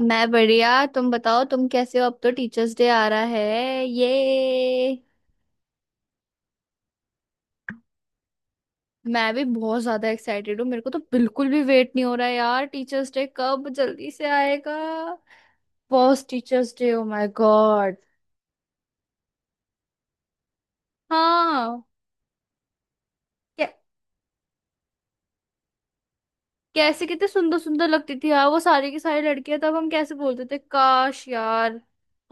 मैं बढ़िया। तुम बताओ, तुम कैसे हो? अब तो टीचर्स डे आ रहा है ये। मैं भी बहुत ज्यादा एक्साइटेड हूँ। मेरे को तो बिल्कुल भी वेट नहीं हो रहा है यार, टीचर्स डे कब जल्दी से आएगा। First teachers day, oh my god. हाँ। कै- कैसे कितने सुंदर सुंदर लगती थी यार वो सारी की सारी लड़कियां। तब हम कैसे बोलते थे, काश यार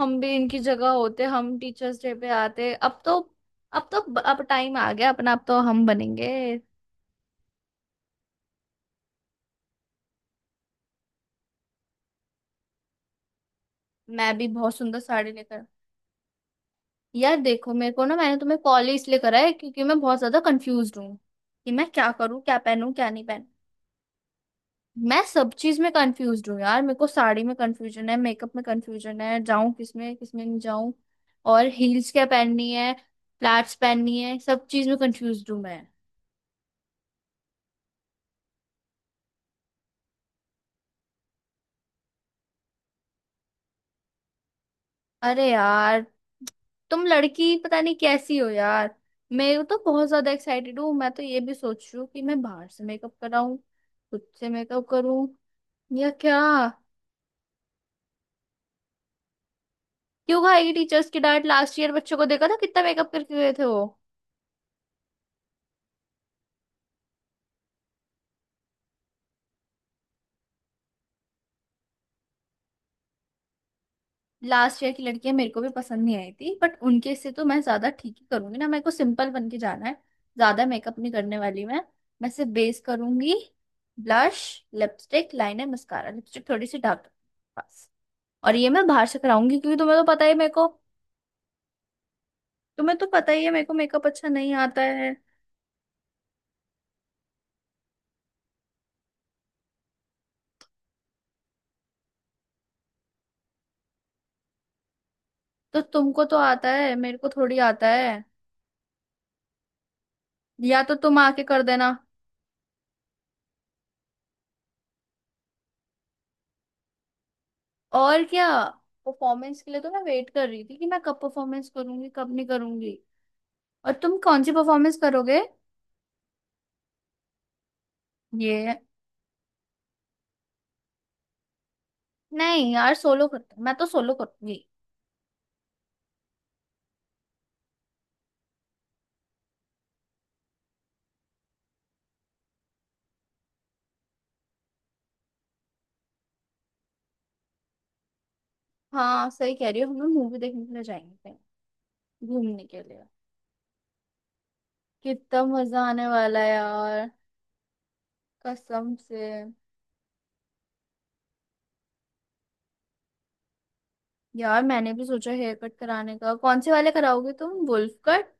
हम भी इनकी जगह होते, हम टीचर्स डे पे आते। अब तो अब टाइम आ गया अपना, अब तो हम बनेंगे। मैं भी बहुत सुंदर साड़ी लेकर। यार देखो, मेरे को ना, मैंने तुम्हें कॉल ही इसलिए करा है क्योंकि मैं बहुत ज्यादा कंफ्यूज हूँ कि मैं क्या करूँ, क्या पहनूं, क्या नहीं पहनूं। मैं सब चीज में कंफ्यूज हूँ यार। मेरे को साड़ी में कंफ्यूजन है, मेकअप में कंफ्यूजन है, जाऊं किसमें किसमें नहीं जाऊं, और हील्स क्या पहननी है फ्लैट्स पहननी है, सब चीज में कंफ्यूज हूँ मैं। अरे यार, तुम लड़की पता नहीं कैसी हो यार। मैं तो बहुत ज्यादा एक्साइटेड हूँ। मैं तो ये भी सोच रही हूँ कि मैं बाहर से मेकअप कराऊं, खुद से मेकअप करूं, या क्या। क्यों खाएगी टीचर्स की डांट? लास्ट ईयर बच्चों को देखा था कितना मेकअप करके गए थे वो। लास्ट ईयर की लड़कियां मेरे को भी पसंद नहीं आई थी बट उनके से तो मैं ज्यादा ठीक ही करूंगी ना। मेरे को सिंपल बन के जाना है, ज्यादा मेकअप नहीं करने वाली मैं। मैं सिर्फ बेस करूंगी, blush, lipstick, liner, mascara, lipstick थोड़ी सी डार्क, बस। और ये मैं बाहर से कराऊंगी क्योंकि तुम्हें तो पता ही है मेरे को। तुम्हें तो पता ही है मेरे को मेकअप अच्छा नहीं आता है। तो तुमको तो आता है, मेरे को थोड़ी आता है। या तो तुम आके कर देना। और क्या। परफॉर्मेंस के लिए तो मैं वेट कर रही थी कि मैं कब परफॉर्मेंस करूंगी कब नहीं करूंगी। और तुम कौन सी परफॉर्मेंस करोगे? ये, नहीं यार, सोलो करते, मैं तो सोलो करूंगी। हाँ सही कह रही हो, हम लोग मूवी देखने के लिए जाएंगे कहीं, घूमने के लिए। कितना मजा आने वाला है यार। कसम से। यार मैंने भी सोचा हेयर कट कराने का। कौन से वाले कराओगे तुम, वुल्फ कट?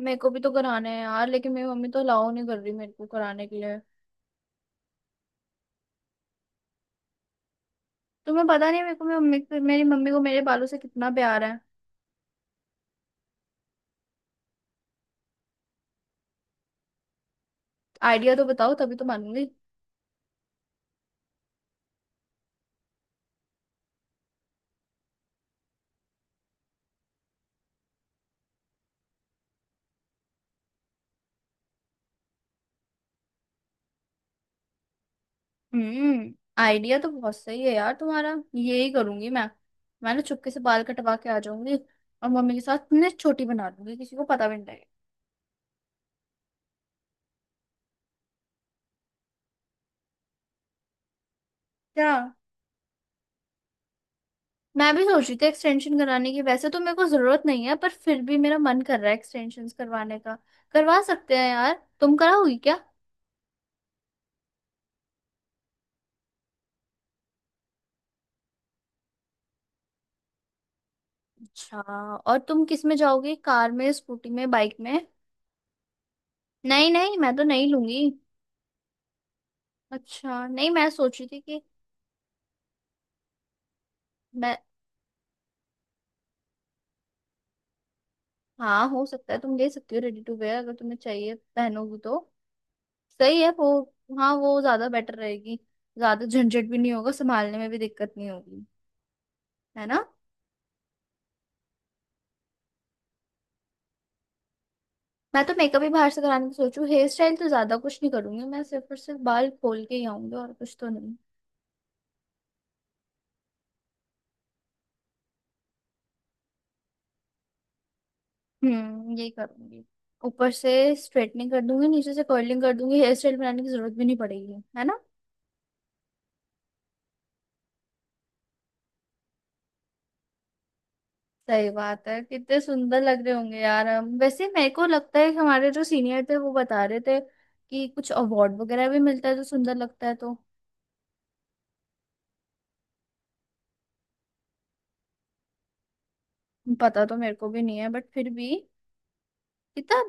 मेरे को भी तो कराना है यार, लेकिन मेरी मम्मी तो अलाउ नहीं कर रही मेरे को कराने के लिए। तुम्हें पता नहीं है मेरे को, मेरी मम्मी को मेरे बालों से कितना प्यार है। आइडिया तो बताओ तभी तो मानूंगी। हम्म। आइडिया तो बहुत सही है यार तुम्हारा। यही करूंगी मैं। मैं ना चुपके से बाल कटवा के आ जाऊंगी और मम्मी के साथ ना छोटी बना दूंगी, किसी को पता भी नहीं लगेगा। क्या? मैं भी सोच रही थी एक्सटेंशन कराने की। वैसे तो मेरे को जरूरत नहीं है पर फिर भी मेरा मन कर रहा है एक्सटेंशन करवाने का। करवा सकते हैं यार, तुम कराओगी क्या? अच्छा। और तुम किस में जाओगे, कार में, स्कूटी में, बाइक में? नहीं नहीं, मैं तो नहीं लूंगी। अच्छा, नहीं मैं सोच रही थी कि मैं। हाँ हो सकता है, तुम ले सकती हो रेडी टू वेयर अगर तुम्हें चाहिए पहनोगी तो। सही है वो। हाँ वो ज्यादा बेटर रहेगी, ज्यादा झंझट भी नहीं होगा, संभालने में भी दिक्कत नहीं होगी, है ना। मैं तो मेकअप ही बाहर से कराने की सोचू, हेयर स्टाइल तो ज्यादा कुछ नहीं करूंगी, मैं सिर्फ और सिर्फ बाल खोल के ही आऊंगी और कुछ तो नहीं। यही करूंगी। ऊपर से स्ट्रेटनिंग कर दूंगी, नीचे से कर्लिंग कर दूंगी, हेयर स्टाइल बनाने की जरूरत भी नहीं पड़ेगी, है ना। सही बात है, कितने सुंदर लग रहे होंगे यार हम। वैसे मेरे को लगता है कि हमारे जो सीनियर थे वो बता रहे थे कि कुछ अवार्ड वगैरह भी मिलता है तो सुंदर लगता है तो। पता तो मेरे को भी नहीं है बट फिर भी। कितना।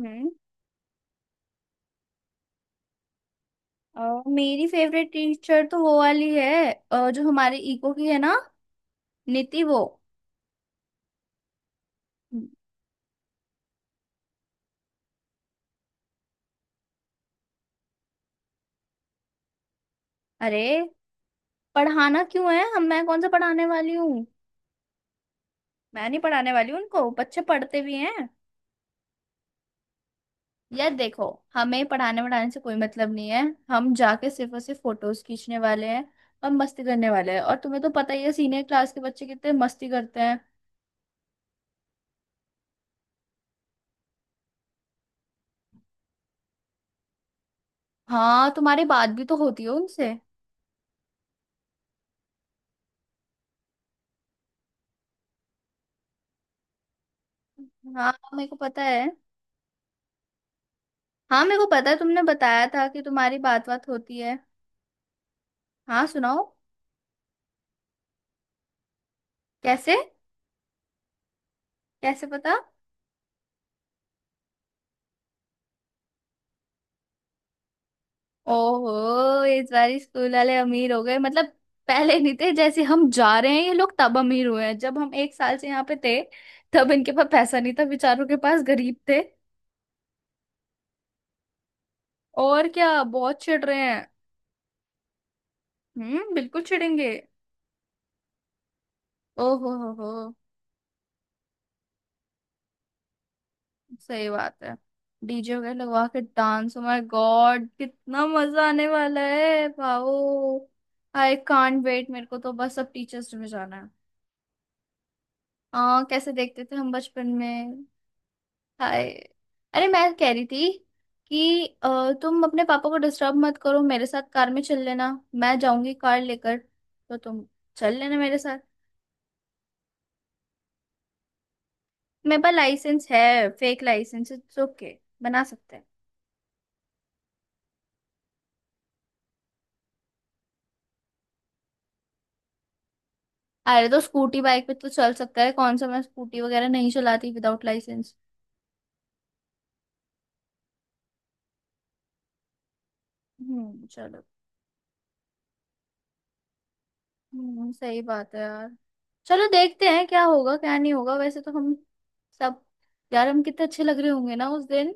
हम्म। मेरी फेवरेट टीचर तो वो वाली है, जो हमारे इको की है ना, नीति वो। अरे, पढ़ाना क्यों है हम? मैं कौन सा पढ़ाने वाली हूँ? मैं नहीं पढ़ाने वाली हूँ, उनको बच्चे पढ़ते भी हैं। यार देखो, हमें पढ़ाने वढ़ाने से कोई मतलब नहीं है। हम जाके सिर्फ और सिर्फ फोटोज खींचने वाले हैं, और मस्ती करने वाले हैं, और तुम्हें तो पता ही है सीनियर क्लास के बच्चे कितने मस्ती करते हैं। हाँ, तुम्हारी बात भी तो होती है उनसे। हाँ मेरे को पता है। हाँ मेरे को पता है, तुमने बताया था कि तुम्हारी बात बात होती है। हाँ सुनाओ। कैसे? कैसे पता? ओहो, इस बार स्कूल वाले अमीर हो गए मतलब। पहले नहीं थे, जैसे हम जा रहे हैं ये लोग तब अमीर हुए हैं, जब हम एक साल से यहाँ पे थे तब इनके पास पैसा नहीं था बेचारों के पास, गरीब थे। और क्या, बहुत चिढ़ रहे हैं। हम्म, बिल्कुल चिढ़ेंगे। ओहो हो, सही बात है। डीजे वगैरह लगवा के डांस, ओ माय गॉड कितना मजा आने वाला है, वाओ। आई कांट वेट, मेरे को तो बस अब टीचर्स डे में जाना है। कैसे देखते थे हम बचपन में। हाय। अरे मैं कह रही थी कि तुम अपने पापा को डिस्टर्ब मत करो, मेरे साथ कार में चल लेना। मैं जाऊंगी कार लेकर, तो तुम चल लेना मेरे साथ। मेरे पास लाइसेंस है, फेक लाइसेंस, इट्स ओके, बना सकते हैं। अरे तो स्कूटी बाइक पे तो चल सकता है, कौन सा मैं स्कूटी वगैरह नहीं चलाती विदाउट लाइसेंस। चलो। सही बात है यार। चलो देखते हैं क्या होगा क्या नहीं होगा, वैसे तो हम सब। यार हम कितने अच्छे लग रहे होंगे ना उस दिन।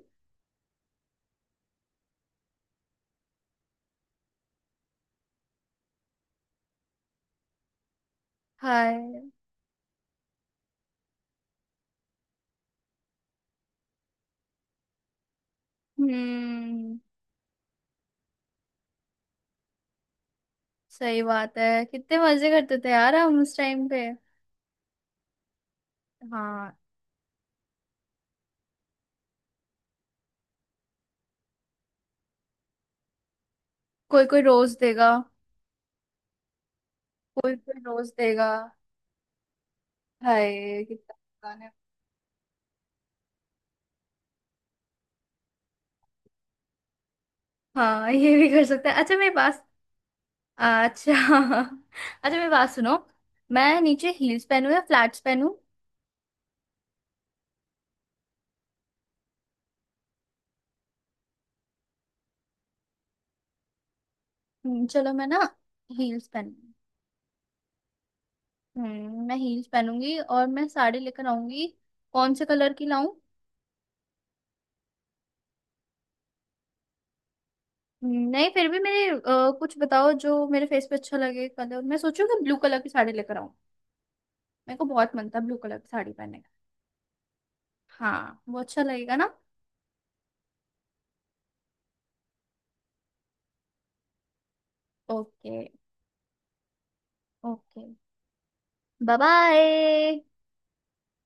हाय। हम्म, सही बात है कितने मजे करते थे यार हम उस टाइम पे। हाँ। कोई कोई रोज देगा। कोई कोई रोज देगा। हाय कितना। गाने। हाँ ये भी कर सकते हैं। अच्छा मेरी बात। अच्छा अच्छा मेरी बात सुनो, मैं नीचे हील्स पहनूं या फ्लैट्स पहनूं? चलो मैं ना, हील्स पहनूं। हम्म, मैं हील्स पहनूंगी और मैं साड़ी लेकर आऊंगी। कौन से कलर की लाऊं? नहीं फिर भी मेरे, कुछ बताओ जो मेरे फेस पे अच्छा लगे कलर। मैं सोचूं कि ब्लू कलर की साड़ी लेकर आऊं, मेरे को बहुत मन था ब्लू कलर की साड़ी पहनने का। हाँ वो अच्छा लगेगा ना। ओके। Okay bye. बाय